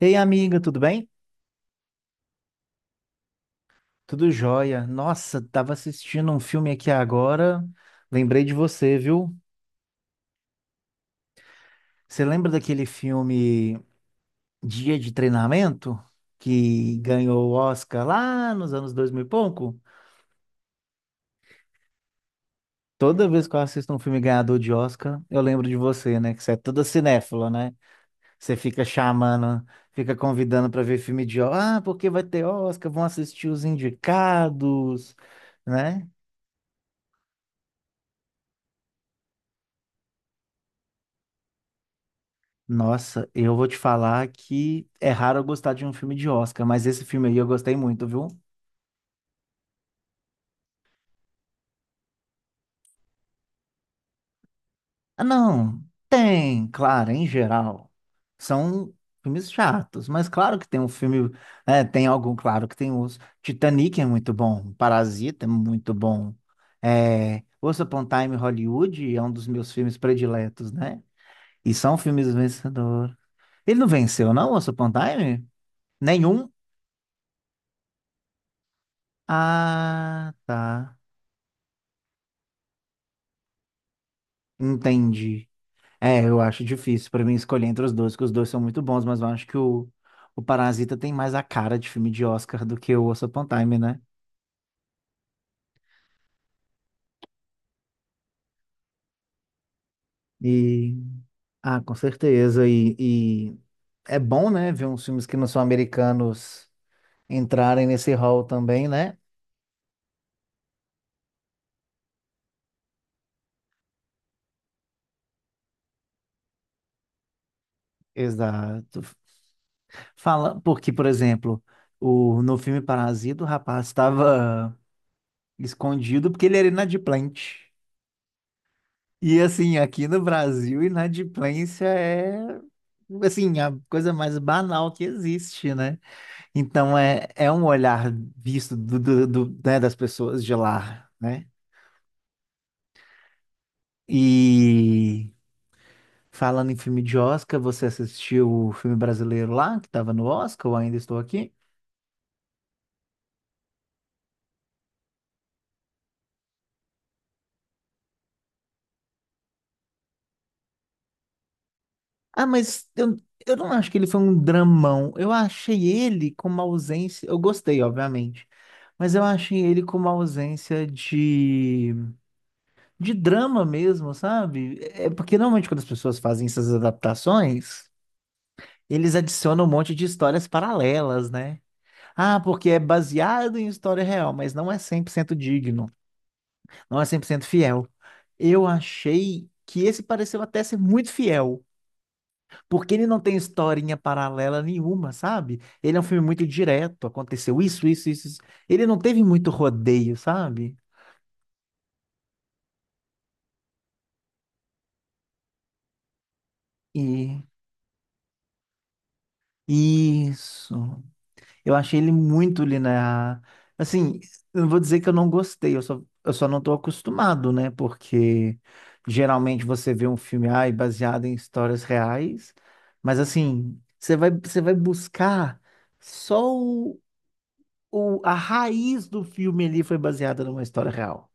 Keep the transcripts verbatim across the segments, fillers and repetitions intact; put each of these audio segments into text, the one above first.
Ei, amiga, tudo bem? Tudo jóia. Nossa, tava assistindo um filme aqui agora. Lembrei de você, viu? Você lembra daquele filme Dia de Treinamento? Que ganhou o Oscar lá nos anos dois mil e pouco? Toda vez que eu assisto um filme ganhador de Oscar, eu lembro de você, né? Que você é toda cinéfila, né? Você fica chamando, fica convidando para ver filme de Oscar. Ah, porque vai ter Oscar, vão assistir os indicados, né? Nossa, eu vou te falar que é raro eu gostar de um filme de Oscar, mas esse filme aí eu gostei muito, viu? Ah, não, tem, claro, em geral. São filmes chatos, mas claro que tem um filme, é, tem algum, claro que tem os. Titanic é muito bom, Parasita é muito bom. É, Once Upon a Time in Hollywood é um dos meus filmes prediletos, né? E são filmes vencedores. Ele não venceu, não, Once Upon a Time? Nenhum? Ah, tá. Entendi. É, eu acho difícil pra mim escolher entre os dois, porque os dois são muito bons, mas eu acho que o, o Parasita tem mais a cara de filme de Oscar do que o Once Upon a Time, né? E, ah, com certeza. E, e é bom, né, ver uns filmes que não são americanos entrarem nesse hall também, né? Exato. Fala, porque, por exemplo, o, no filme Parasita, o rapaz estava escondido porque ele era inadimplente. E assim, aqui no Brasil, inadimplência é assim, a coisa mais banal que existe, né? Então é, é um olhar visto do, do, do- né, das pessoas de lá, né? E falando em filme de Oscar, você assistiu o filme brasileiro lá, que estava no Oscar, ou ainda estou aqui? Ah, mas eu, eu não acho que ele foi um dramão. Eu achei ele com uma ausência. Eu gostei, obviamente. Mas eu achei ele com uma ausência de. De drama mesmo, sabe? É é porque normalmente quando as pessoas fazem essas adaptações, eles adicionam um monte de histórias paralelas, né? Ah, porque é baseado em história real, mas não é cem por cento digno, não é cem por cento fiel. Eu achei que esse pareceu até ser muito fiel, porque ele não tem historinha paralela nenhuma, sabe? Ele é um filme muito direto, aconteceu isso, isso, isso. isso. Ele não teve muito rodeio, sabe? E isso. Eu achei ele muito linear. Assim, eu não vou dizer que eu não gostei, eu só, eu só não estou acostumado, né? Porque geralmente você vê um filme ai, baseado em histórias reais, mas assim, você vai, você vai buscar só o, o- a raiz do filme ali foi baseada numa história real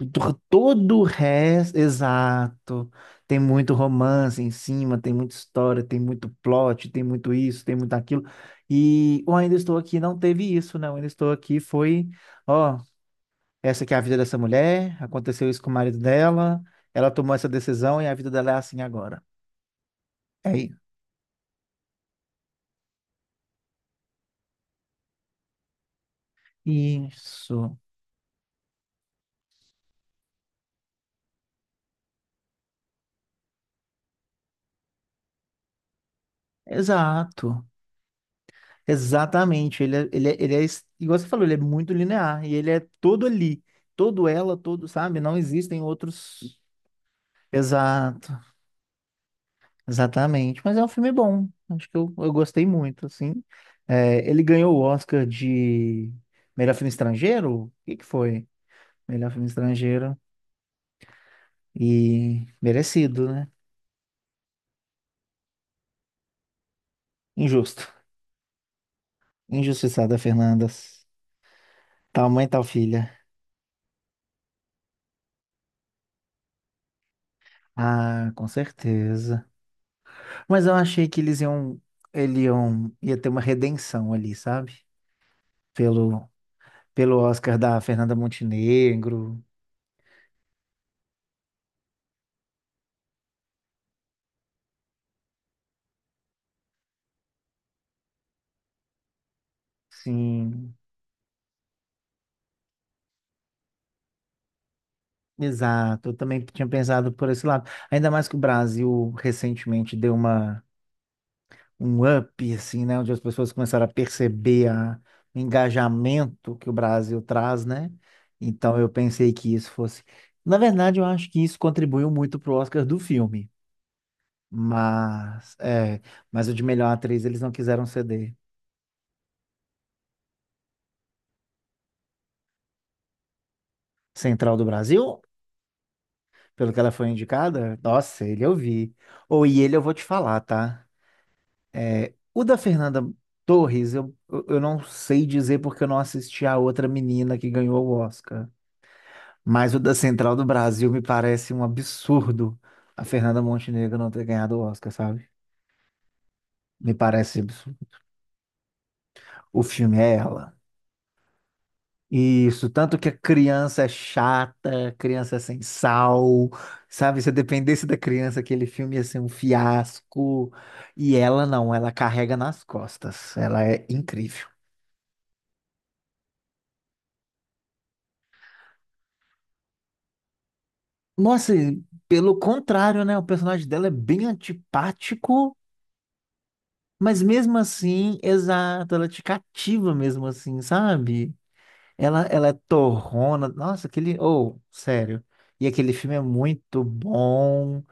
do- Todo o resto, exato. Tem muito romance em cima, tem muita história, tem muito plot, tem muito isso, tem muito aquilo. E o Ainda Estou Aqui não teve isso, né? O Ainda Estou Aqui foi, ó, essa aqui é a vida dessa mulher, aconteceu isso com o marido dela, ela tomou essa decisão e a vida dela é assim agora. É i- isso. Exato. Exatamente. Ele é, ele é, ele é, es- igual você falou, ele é muito linear e ele é todo ali todo ela, todo, sabe? Não existem outros. Exato, exatamente. Mas é um filme bom. Acho que eu, eu gostei muito, assim. É, ele ganhou o Oscar de melhor filme estrangeiro? O que que foi? Melhor filme estrangeiro e merecido, né? Injusto. Injustiçada, Fernandas. Tal mãe, tal filha. Ah, com certeza. Mas eu achei que eles iam, ele iam, ia ter uma redenção ali, sabe? Pelo, pelo Oscar da Fernanda Montenegro. Sim. Exato, eu também tinha pensado por esse lado. Ainda mais que o Brasil recentemente deu uma, um up, assim, né? Onde as pessoas começaram a perceber a, o engajamento que o Brasil traz, né? Então eu pensei que isso fosse. Na verdade, eu acho que isso contribuiu muito pro Oscar do filme. Mas, é, mas o de melhor atriz eles não quiseram ceder. Central do Brasil, pelo que ela foi indicada, nossa, ele eu vi. Ou e ele eu vou te falar, tá? É, o da Fernanda Torres, eu, eu eu não sei dizer porque eu não assisti a outra menina que ganhou o Oscar. Mas o da Central do Brasil me parece um absurdo a Fernanda Montenegro não ter ganhado o Oscar, sabe? Me parece absurdo. O filme é ela. Isso, tanto que a criança é chata, a criança é sem sal, sabe? Se dependesse da criança, aquele filme ia ser um fiasco. E ela não, ela carrega nas costas. Ela é incrível. Nossa, e pelo contrário, né? O personagem dela é bem antipático, mas mesmo assim, exato, ela é te cativa mesmo assim, sabe? Ela, ela é torrona. Nossa, aquele. Oh, sério. E aquele filme é muito bom.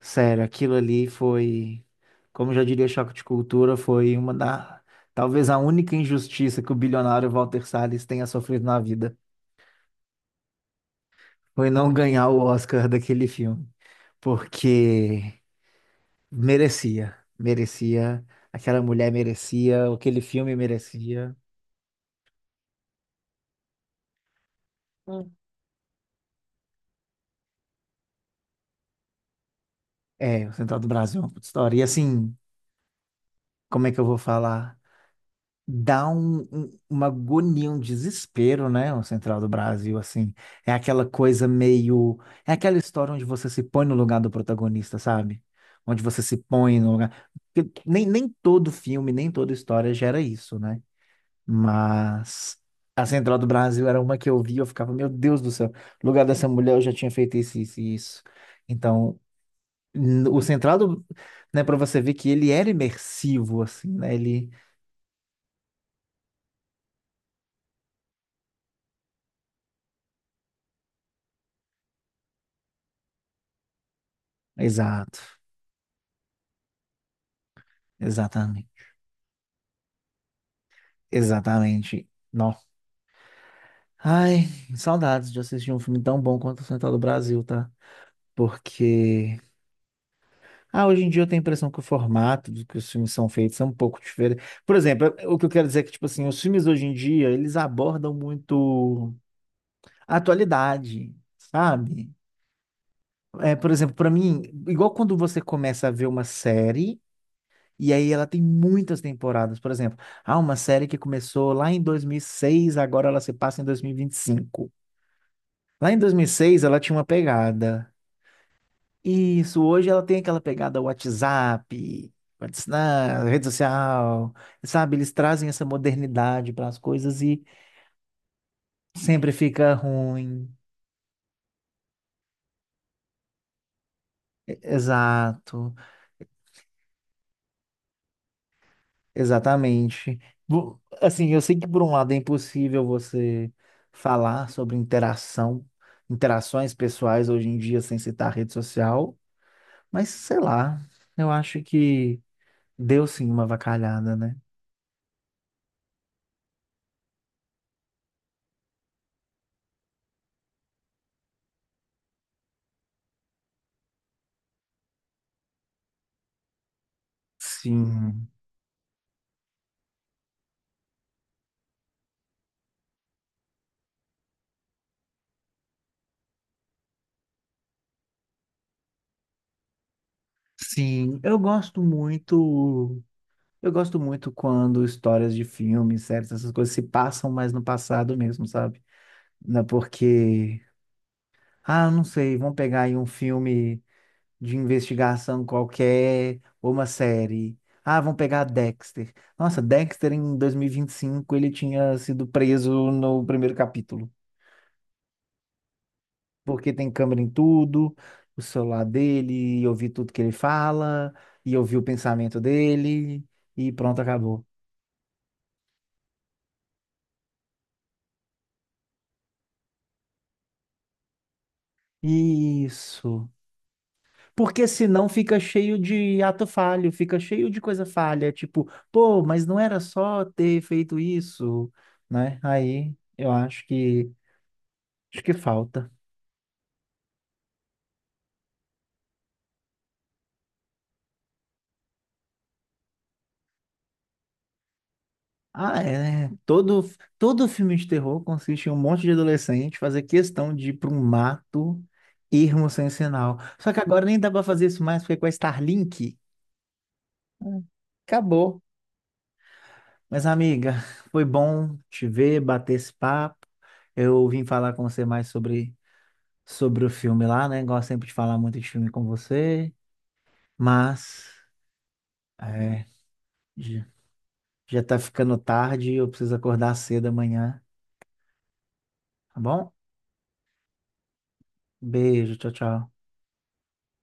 Sério, aquilo ali foi. Como já diria Choque de Cultura, foi uma da. Talvez a única injustiça que o bilionário Walter Salles tenha sofrido na vida. Foi não ganhar o Oscar daquele filme. Porque. Merecia, merecia. Aquela mulher merecia, aquele filme merecia. Hum. É, o Central do Brasil é uma puta história. E assim, como é que eu vou falar? Dá um, um- uma agonia, um desespero, né? O Central do Brasil, assim. É aquela coisa meio. É aquela história onde você se põe no lugar do protagonista, sabe? Onde você se põe no lugar. Porque nem, nem todo filme, nem toda história gera isso, né? Mas a Central do Brasil era uma que eu via, eu ficava, meu Deus do céu, no lugar dessa mulher eu já tinha feito isso, isso, e isso. Então, n- o Central do, né, para você ver que ele era imersivo, assim, né? Ele. Exato, exatamente. Exatamente. Não. Ai, saudades de assistir um filme tão bom quanto o Central do Brasil, tá? Porque ah, hoje em dia eu tenho a impressão que o formato do que os filmes são feitos é um pouco diferente. Por exemplo, o que eu quero dizer é que, tipo assim, os filmes hoje em dia, eles abordam muito a atualidade, sabe? É, por exemplo, para mim, igual quando você começa a ver uma série, e aí ela tem muitas temporadas, por exemplo, há uma série que começou lá em dois mil e seis, agora ela se passa em dois mil e vinte e cinco. Lá em dois mil e seis ela tinha uma pegada. Isso, hoje ela tem aquela pegada WhatsApp, WhatsApp, rede social, sabe? Eles trazem essa modernidade para as coisas e sempre fica ruim. E- Exato, exatamente. Bu- Assim, eu sei que por um lado é impossível você falar sobre interação, interações pessoais hoje em dia sem citar rede social, mas sei lá, eu acho que deu sim uma avacalhada, né? Sim. Sim, eu gosto muito. Eu gosto muito quando histórias de filmes, séries, essas coisas se passam mais no passado mesmo, sabe? Né, porque, ah, não sei, vamos pegar aí um filme de investigação qualquer, ou uma série. Ah, vamos pegar Dexter. Nossa, Dexter em dois mil e e vinte e cinco ele tinha sido preso no primeiro capítulo, porque tem câmera em tudo, o celular dele, e ouvir tudo que ele fala, e ouvir o pensamento dele, e pronto, acabou. Isso. Porque senão fica cheio de ato falho, fica cheio de coisa falha, tipo, pô, mas não era só ter feito isso, né? Aí eu acho que acho que falta. Ah, é. Né? Todo, todo filme de terror consiste em um monte de adolescente fazer questão de ir para um mato, irmos sem sinal. Só que agora nem dá para fazer isso mais, porque é com a Starlink, hum, acabou. Mas, amiga, foi bom te ver, bater esse papo. Eu vim falar com você mais sobre, sobre o filme lá, né? Gosto sempre de falar muito de filme com você, mas é, já, já tá ficando tarde e eu preciso acordar cedo amanhã, tá bom? Beijo, tchau, tchau.